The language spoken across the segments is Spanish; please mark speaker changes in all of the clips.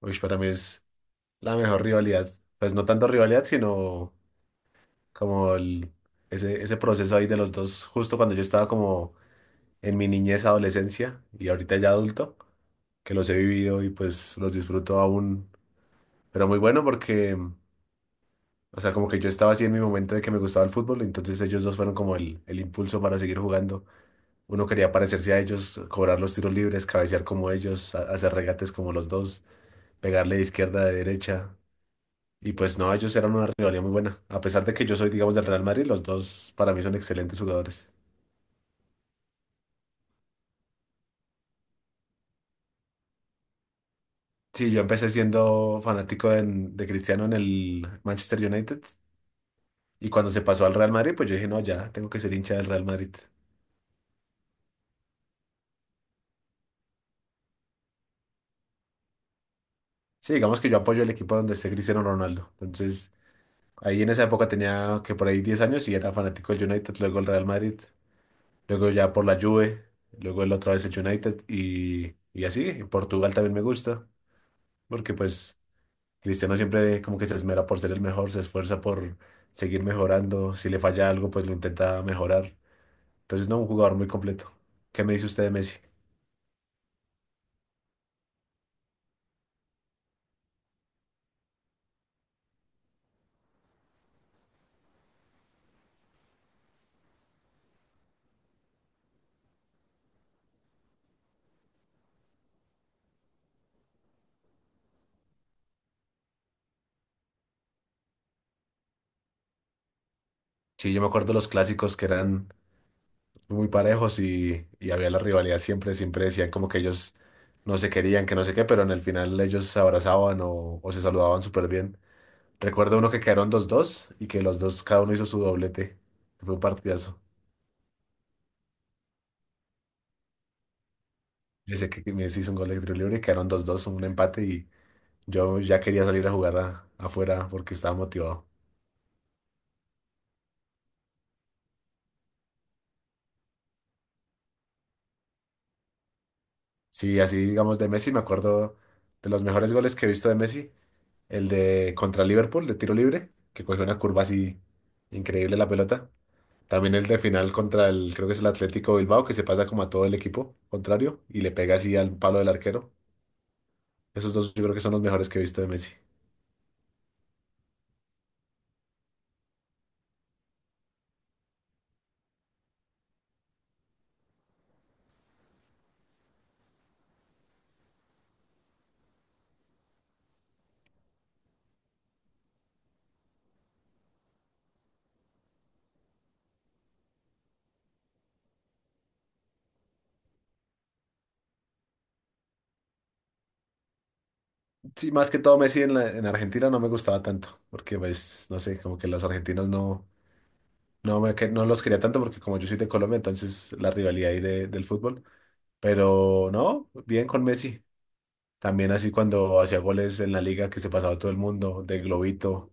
Speaker 1: Uy, para mí es la mejor rivalidad. Pues no tanto rivalidad, sino como ese proceso ahí de los dos, justo cuando yo estaba como en mi niñez, adolescencia y ahorita ya adulto, que los he vivido y pues los disfruto aún. Pero muy bueno porque, o sea, como que yo estaba así en mi momento de que me gustaba el fútbol, entonces ellos dos fueron como el impulso para seguir jugando. Uno quería parecerse a ellos, cobrar los tiros libres, cabecear como ellos, hacer regates como los dos, pegarle de izquierda, de derecha. Y pues no, ellos eran una rivalidad muy buena. A pesar de que yo soy, digamos, del Real Madrid, los dos para mí son excelentes jugadores. Sí, yo empecé siendo fanático de Cristiano en el Manchester United. Y cuando se pasó al Real Madrid, pues yo dije, no, ya, tengo que ser hincha del Real Madrid. Sí, digamos que yo apoyo el equipo donde esté Cristiano Ronaldo. Entonces, ahí en esa época tenía que por ahí 10 años y era fanático del United, luego el Real Madrid, luego ya por la Juve, luego el otra vez el United y así. En Portugal también me gusta, porque pues... Cristiano siempre como que se esmera por ser el mejor, se esfuerza por seguir mejorando. Si le falla algo, pues lo intenta mejorar. Entonces, no, un jugador muy completo. ¿Qué me dice usted de Messi? Sí, yo me acuerdo los clásicos que eran muy parejos y había la rivalidad siempre, siempre decían como que ellos no se querían, que no sé qué, pero en el final ellos se abrazaban o se saludaban súper bien. Recuerdo uno que quedaron 2-2 y que los dos, cada uno hizo su doblete. Fue un partidazo. Yo sé que Messi hizo un gol de tiro libre y quedaron 2-2, un empate y yo ya quería salir a jugar afuera porque estaba motivado. Sí, así digamos de Messi, me acuerdo de los mejores goles que he visto de Messi, el de contra Liverpool de tiro libre, que cogió una curva así increíble la pelota. También el de final contra el, creo que es el Atlético Bilbao, que se pasa como a todo el equipo contrario y le pega así al palo del arquero. Esos dos yo creo que son los mejores que he visto de Messi. Sí, más que todo Messi en Argentina no me gustaba tanto, porque pues, no sé, como que los argentinos no... No, no los quería tanto porque como yo soy de Colombia, entonces la rivalidad ahí del fútbol. Pero no, bien con Messi. También así cuando hacía goles en la liga que se pasaba todo el mundo, de globito.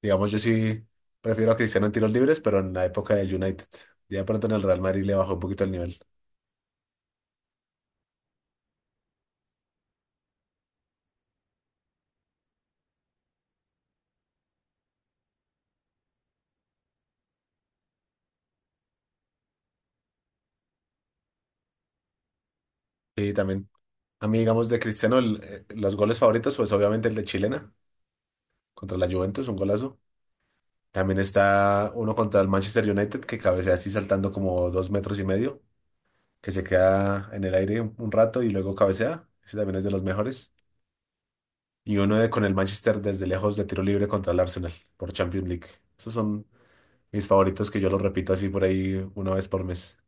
Speaker 1: Digamos, yo sí prefiero a Cristiano en tiros libres, pero en la época del United. Ya de pronto en el Real Madrid le bajó un poquito el nivel. Sí también, a mí digamos de Cristiano, los goles favoritos, pues obviamente el de chilena contra la Juventus, un golazo. También está uno contra el Manchester United que cabecea así saltando como 2,5 metros, que se queda en el aire un rato y luego cabecea. Ese también es de los mejores. Y uno de con el Manchester desde lejos de tiro libre contra el Arsenal por Champions League. Esos son mis favoritos que yo los repito así por ahí una vez por mes.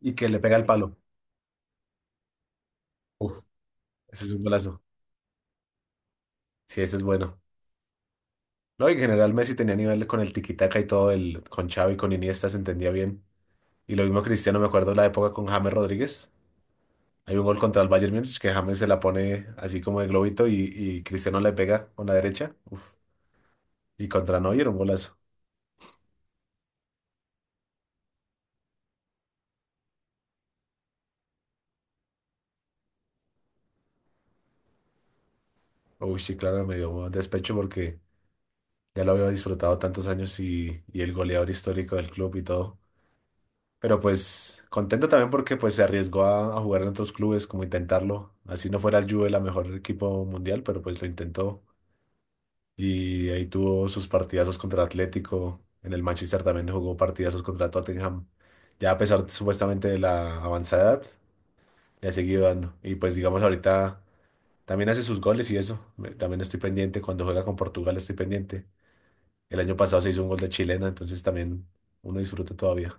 Speaker 1: Y que le pega el palo. Uf, ese es un golazo. Sí, ese es bueno. No, y en general Messi tenía nivel con el tiki-taka y todo, el, con Xavi, con Iniesta se entendía bien. Y lo mismo Cristiano, me acuerdo la época con James Rodríguez. Hay un gol contra el Bayern Múnich que James se la pone así como de globito y Cristiano le pega con la derecha. Uf. Y contra Neuer era un golazo. Uy, sí, claro, me dio despecho porque ya lo había disfrutado tantos años y el goleador histórico del club y todo. Pero pues contento también porque pues se arriesgó a jugar en otros clubes, como intentarlo. Así no fuera el Juve la mejor equipo mundial, pero pues lo intentó. Y ahí tuvo sus partidazos contra Atlético. En el Manchester también jugó partidazos contra Tottenham. Ya a pesar supuestamente de la avanzada edad, le ha seguido dando. Y pues digamos ahorita también hace sus goles y eso. También estoy pendiente. Cuando juega con Portugal estoy pendiente. El año pasado se hizo un gol de chilena, entonces también uno disfruta todavía.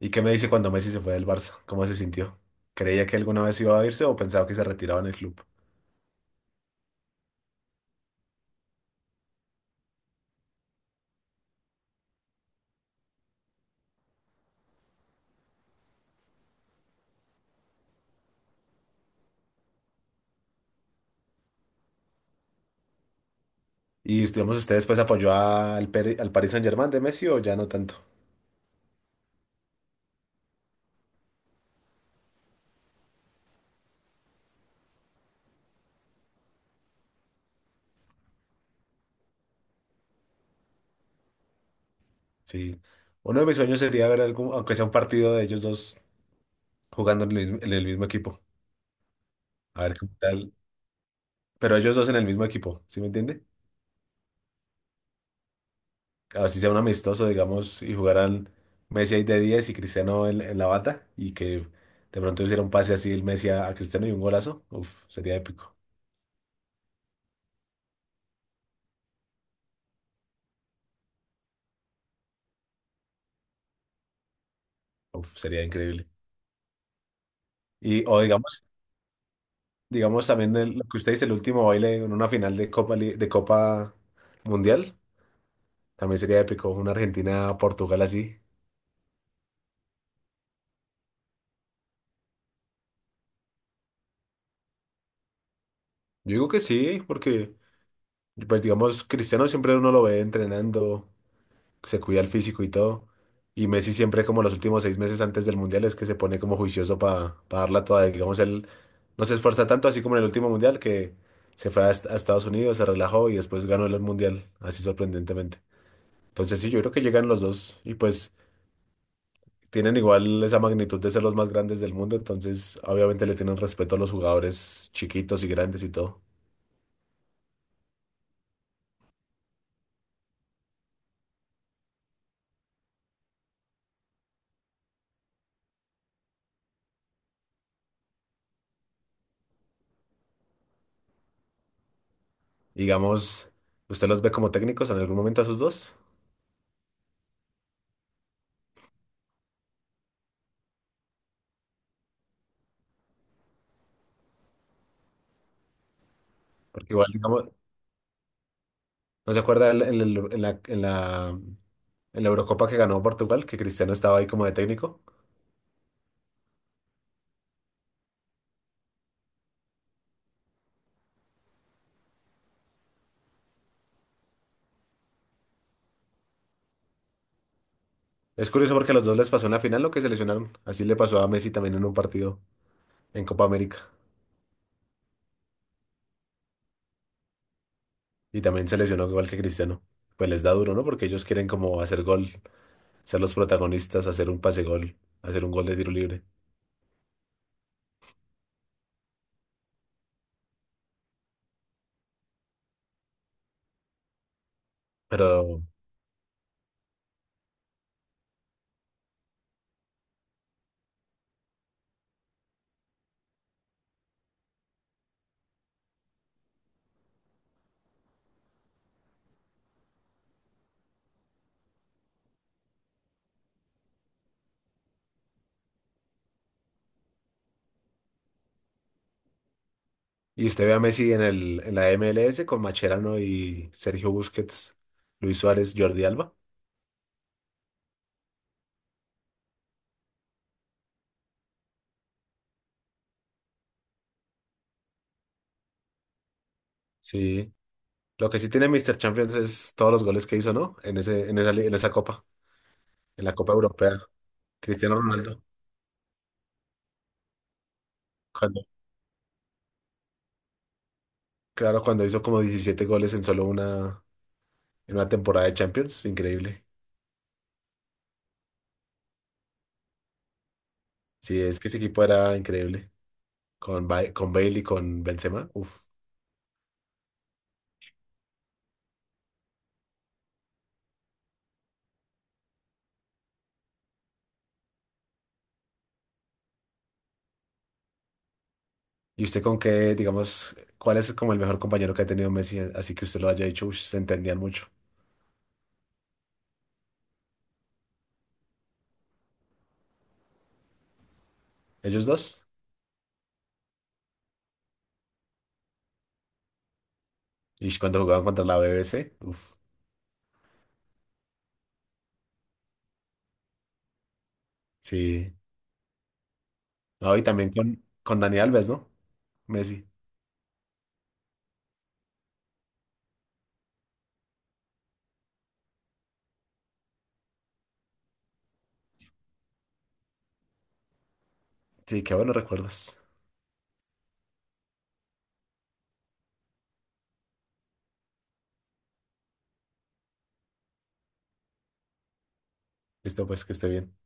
Speaker 1: ¿Y qué me dice cuando Messi se fue del Barça? ¿Cómo se sintió? ¿Creía que alguna vez iba a irse o pensaba que se retiraba en el club? Y estuvimos ustedes, pues apoyó al, al Paris Saint-Germain de Messi o ya no tanto. Sí. Uno de mis sueños sería ver algún, aunque sea un partido de ellos dos jugando en el mismo equipo. A ver qué tal. Pero ellos dos en el mismo equipo, ¿sí me entiende? Así sea un amistoso, digamos, y jugaran Messi ahí de 10 y Cristiano en la bata, y que de pronto hiciera un pase así el Messi a Cristiano y un golazo, uf, sería épico, uf, sería increíble. Y, o digamos, digamos también lo que usted dice, el último baile en una final de Copa, de Copa Mundial, también sería épico, una Argentina-Portugal así. Yo digo que sí, porque, pues digamos, Cristiano siempre uno lo ve entrenando, se cuida el físico y todo. Y Messi siempre como los últimos 6 meses antes del Mundial es que se pone como juicioso para darla toda. Digamos, él no se esfuerza tanto, así como en el último Mundial, que se fue a, a Estados Unidos, se relajó y después ganó el Mundial, así sorprendentemente. Entonces sí, yo creo que llegan los dos y pues tienen igual esa magnitud de ser los más grandes del mundo, entonces obviamente le tienen respeto a los jugadores chiquitos y grandes y todo. Digamos, ¿usted los ve como técnicos en algún momento a esos dos? Porque igual, digamos, ¿no se acuerda en, la, en el- en la, en la- en la Eurocopa que ganó Portugal, que Cristiano estaba ahí como de técnico? Es curioso porque a los dos les pasó en la final lo que se lesionaron. Así le pasó a Messi también en un partido en Copa América. Y también se lesionó igual que Cristiano. Pues les da duro, ¿no? Porque ellos quieren como hacer gol, ser los protagonistas, hacer un pase gol, hacer un gol de tiro libre. Pero... Y usted ve a Messi en el, en la MLS con Macherano y Sergio Busquets, Luis Suárez, Jordi Alba. Sí. Lo que sí tiene Mr. Champions es todos los goles que hizo, ¿no? En ese, en esa, en esa copa, en la Copa Europea. Cristiano Ronaldo. Cuando, claro, cuando hizo como 17 goles en solo una, en una temporada de Champions, increíble. Sí, es que ese equipo era increíble. Con, con Bale y con Benzema, uf. ¿Y usted con qué, digamos, cuál es como el mejor compañero que ha tenido Messi? Así que usted lo haya dicho, uff, se entendían mucho. Ellos dos. Y cuando jugaban contra la BBC, uf, sí. No, y también con Dani Alves, ¿no? Messi. Sí, qué buenos recuerdos. Listo, pues que esté bien.